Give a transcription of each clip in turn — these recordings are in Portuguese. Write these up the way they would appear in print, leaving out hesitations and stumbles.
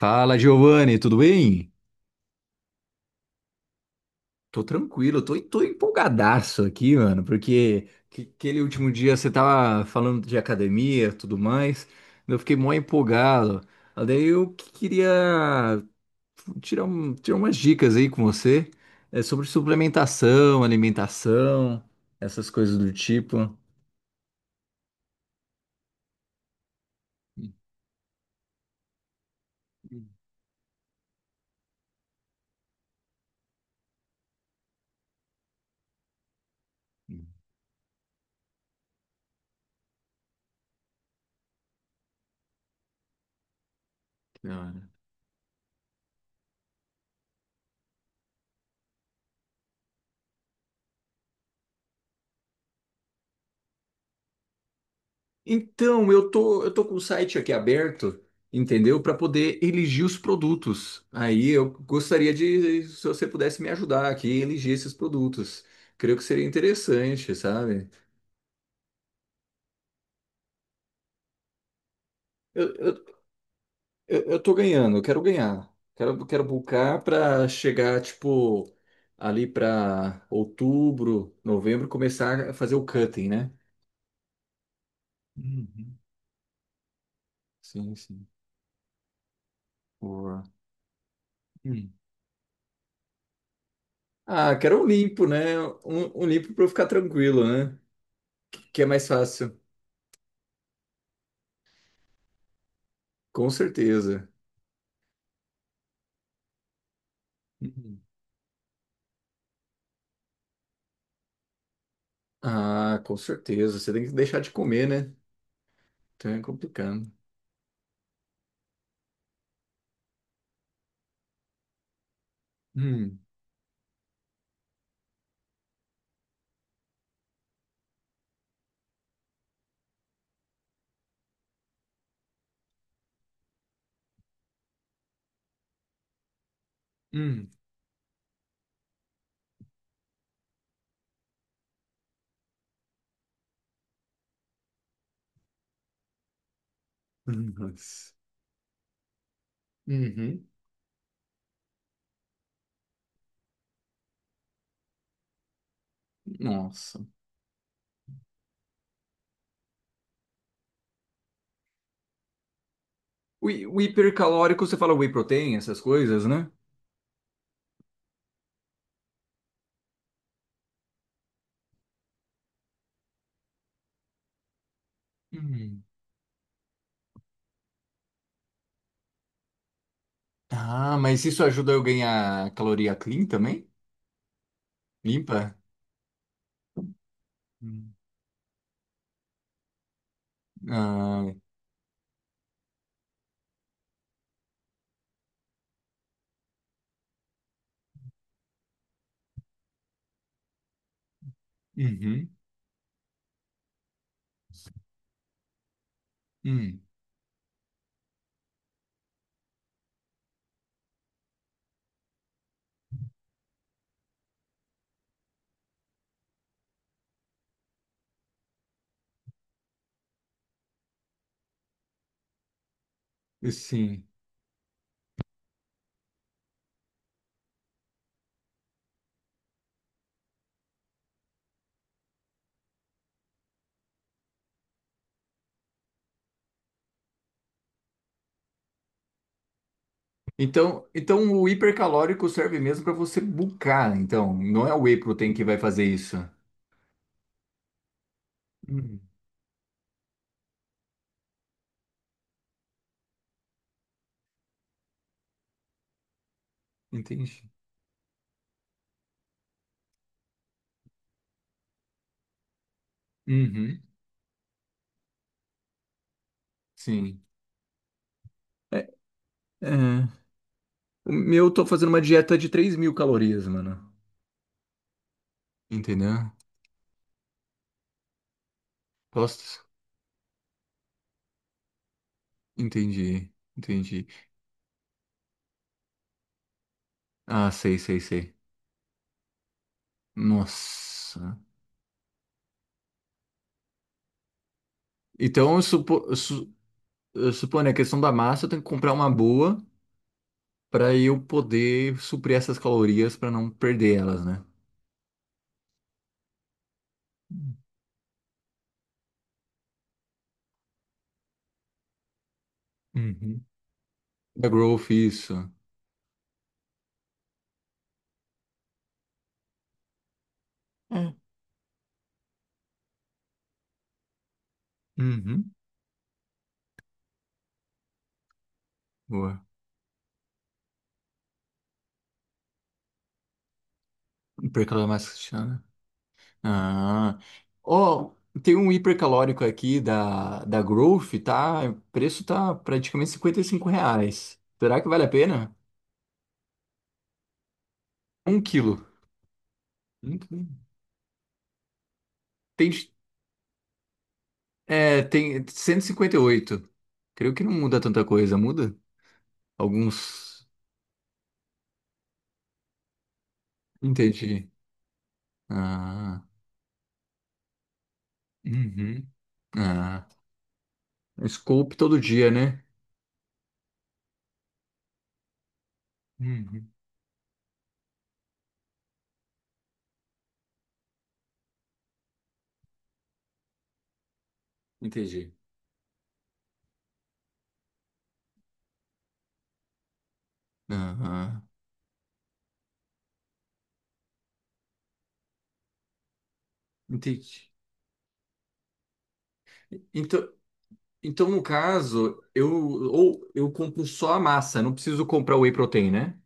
Fala, Giovanni, tudo bem? Tô tranquilo, tô empolgadaço aqui, mano, porque aquele último dia você tava falando de academia e tudo mais, eu fiquei mó empolgado. Daí eu queria tirar umas dicas aí com você, sobre suplementação, alimentação, essas coisas do tipo. Hum, hum, hum. Da hora. Então, eu tô com o site aqui aberto, entendeu? Para poder elegir os produtos. Aí eu gostaria de, se você pudesse me ajudar aqui, elegir esses produtos. Creio que seria interessante, sabe? Eu, eu, eu tô ganhando, eu quero ganhar. Quero buscar para chegar, tipo, ali para outubro, novembro, começar a fazer o cutting, né? Uhum. Sim, sim. Boa. Hum. Ah, quero um limpo, né? Um limpo para eu ficar tranquilo, né? Que é mais fácil. Com certeza. Uhum. Ah, com certeza. Você tem que deixar de comer, né? Então é complicado. Hum, hum, nossa. Uhum. Nossa. O hipercalórico, você fala whey protein, essas coisas, né? Uhum. Ah, mas isso ajuda eu ganhar caloria clean também? Limpa? Hum. Ah, uhum, hum, sim. Então, então o hipercalórico serve mesmo para você bulkar, então. Não é o whey protein que vai fazer isso. Entendi. Uhum. Sim. É, é, o meu, eu tô fazendo uma dieta de 3000 calorias, mano. Entendeu? Postos? Entendi. Entendi. Ah, sei, sei, sei. Nossa. Então, eu suponho, né, a questão da massa, eu tenho que comprar uma boa para eu poder suprir essas calorias para não perder elas, né? Uhum. Da Growth, isso. É. Uhum. Boa. Não perca ela mais. Ah. Ó, tem um hipercalórico aqui da Growth, tá? O preço tá praticamente R$ 55. Será que vale a pena? Um quilo. Um quilo. Tem, é, tem cento e cinquenta e oito. Creio que não muda tanta coisa, muda? Alguns. Entendi. Ah. Uhum. Ah. Scope todo dia, né? Uhum. Entendi. Aham. Entendi. Então, então, no caso, eu compro só a massa, não preciso comprar o whey protein, né?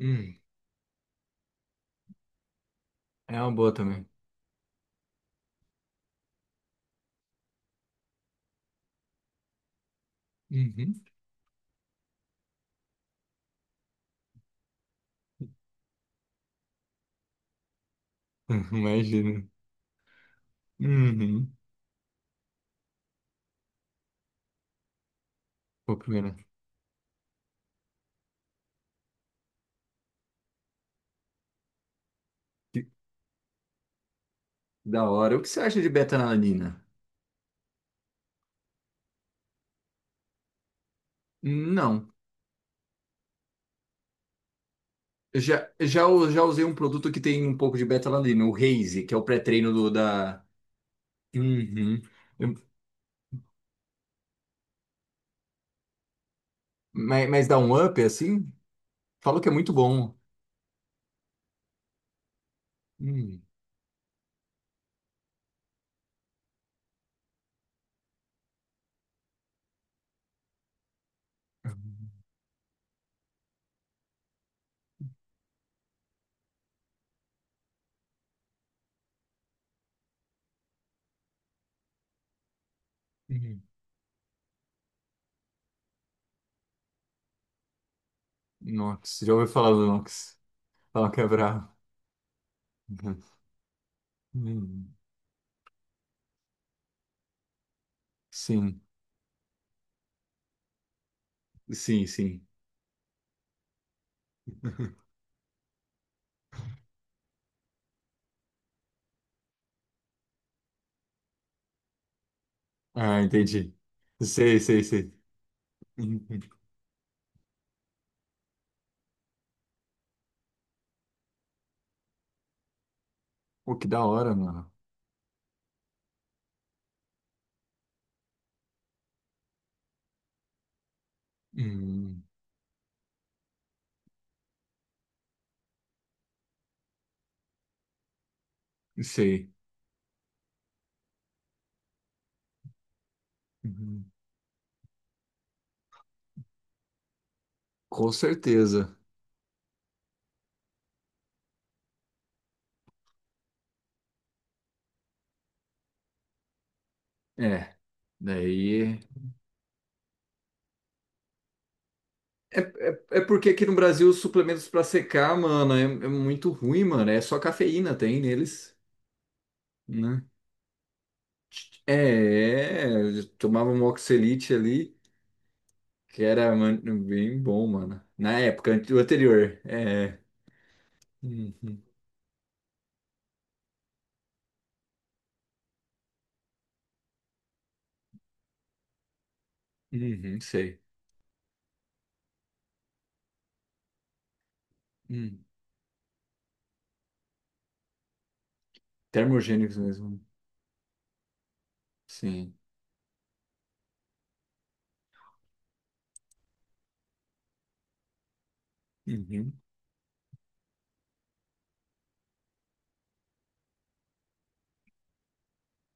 Hum. É uma boa também. Uhum. Imagina. Uhum. Vou primeiro. Que da hora. O que você acha de betalanina? Não. Eu já, já usei um produto que tem um pouco de betalanina, o Raze, que é o pré-treino da. Uhum. Eu- mas dá um up assim? Falam que é muito bom. Hum. Uhum. Nox, já ouviu falar do Nox? Falam que é bravo. Uhum. Sim, sim, sim. Ah, entendi. Sei, sei, sei. Uhum. Pô, que da hora, mano. Hum, sei. Uhum. Com certeza. É. Daí. É porque aqui no Brasil os suplementos pra secar, mano, é muito ruim, mano. É só cafeína tem neles, né? É, eu tomava um Oxelite ali, que era, mano, bem bom, mano. Na época, o anterior. É. Uhum, uhum, sei. Uhum. Termogênicos mesmo. Sim. Uhum.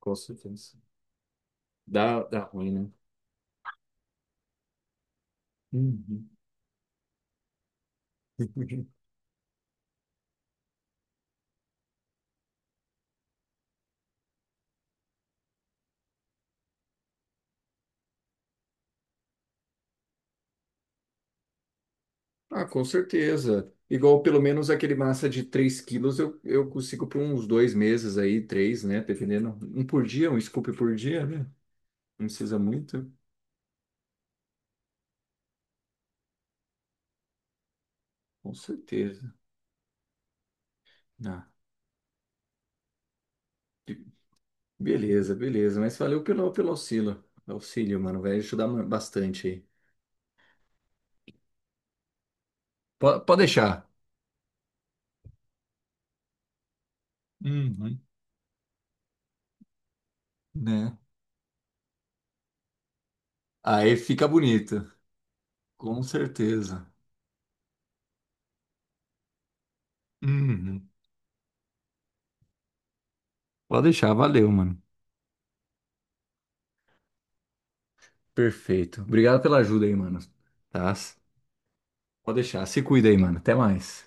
Com certeza. Dá, dá ruim, né? Uhum. Ah, com certeza. Igual pelo menos aquele massa de 3 kg eu consigo por uns 2 meses aí, três, né? Dependendo. Um por dia, um scoop por dia, né? Não precisa muito. Com certeza. Ah, be- beleza, beleza. Mas valeu pelo, pelo auxílio. Auxílio, mano. Vai ajudar bastante aí. Pode deixar. Uhum. Né? Aí fica bonito. Com certeza. Uhum. Pode deixar, valeu, mano. Perfeito. Obrigado pela ajuda aí, mano. Tá? Pode deixar, se cuida aí, mano. Até mais.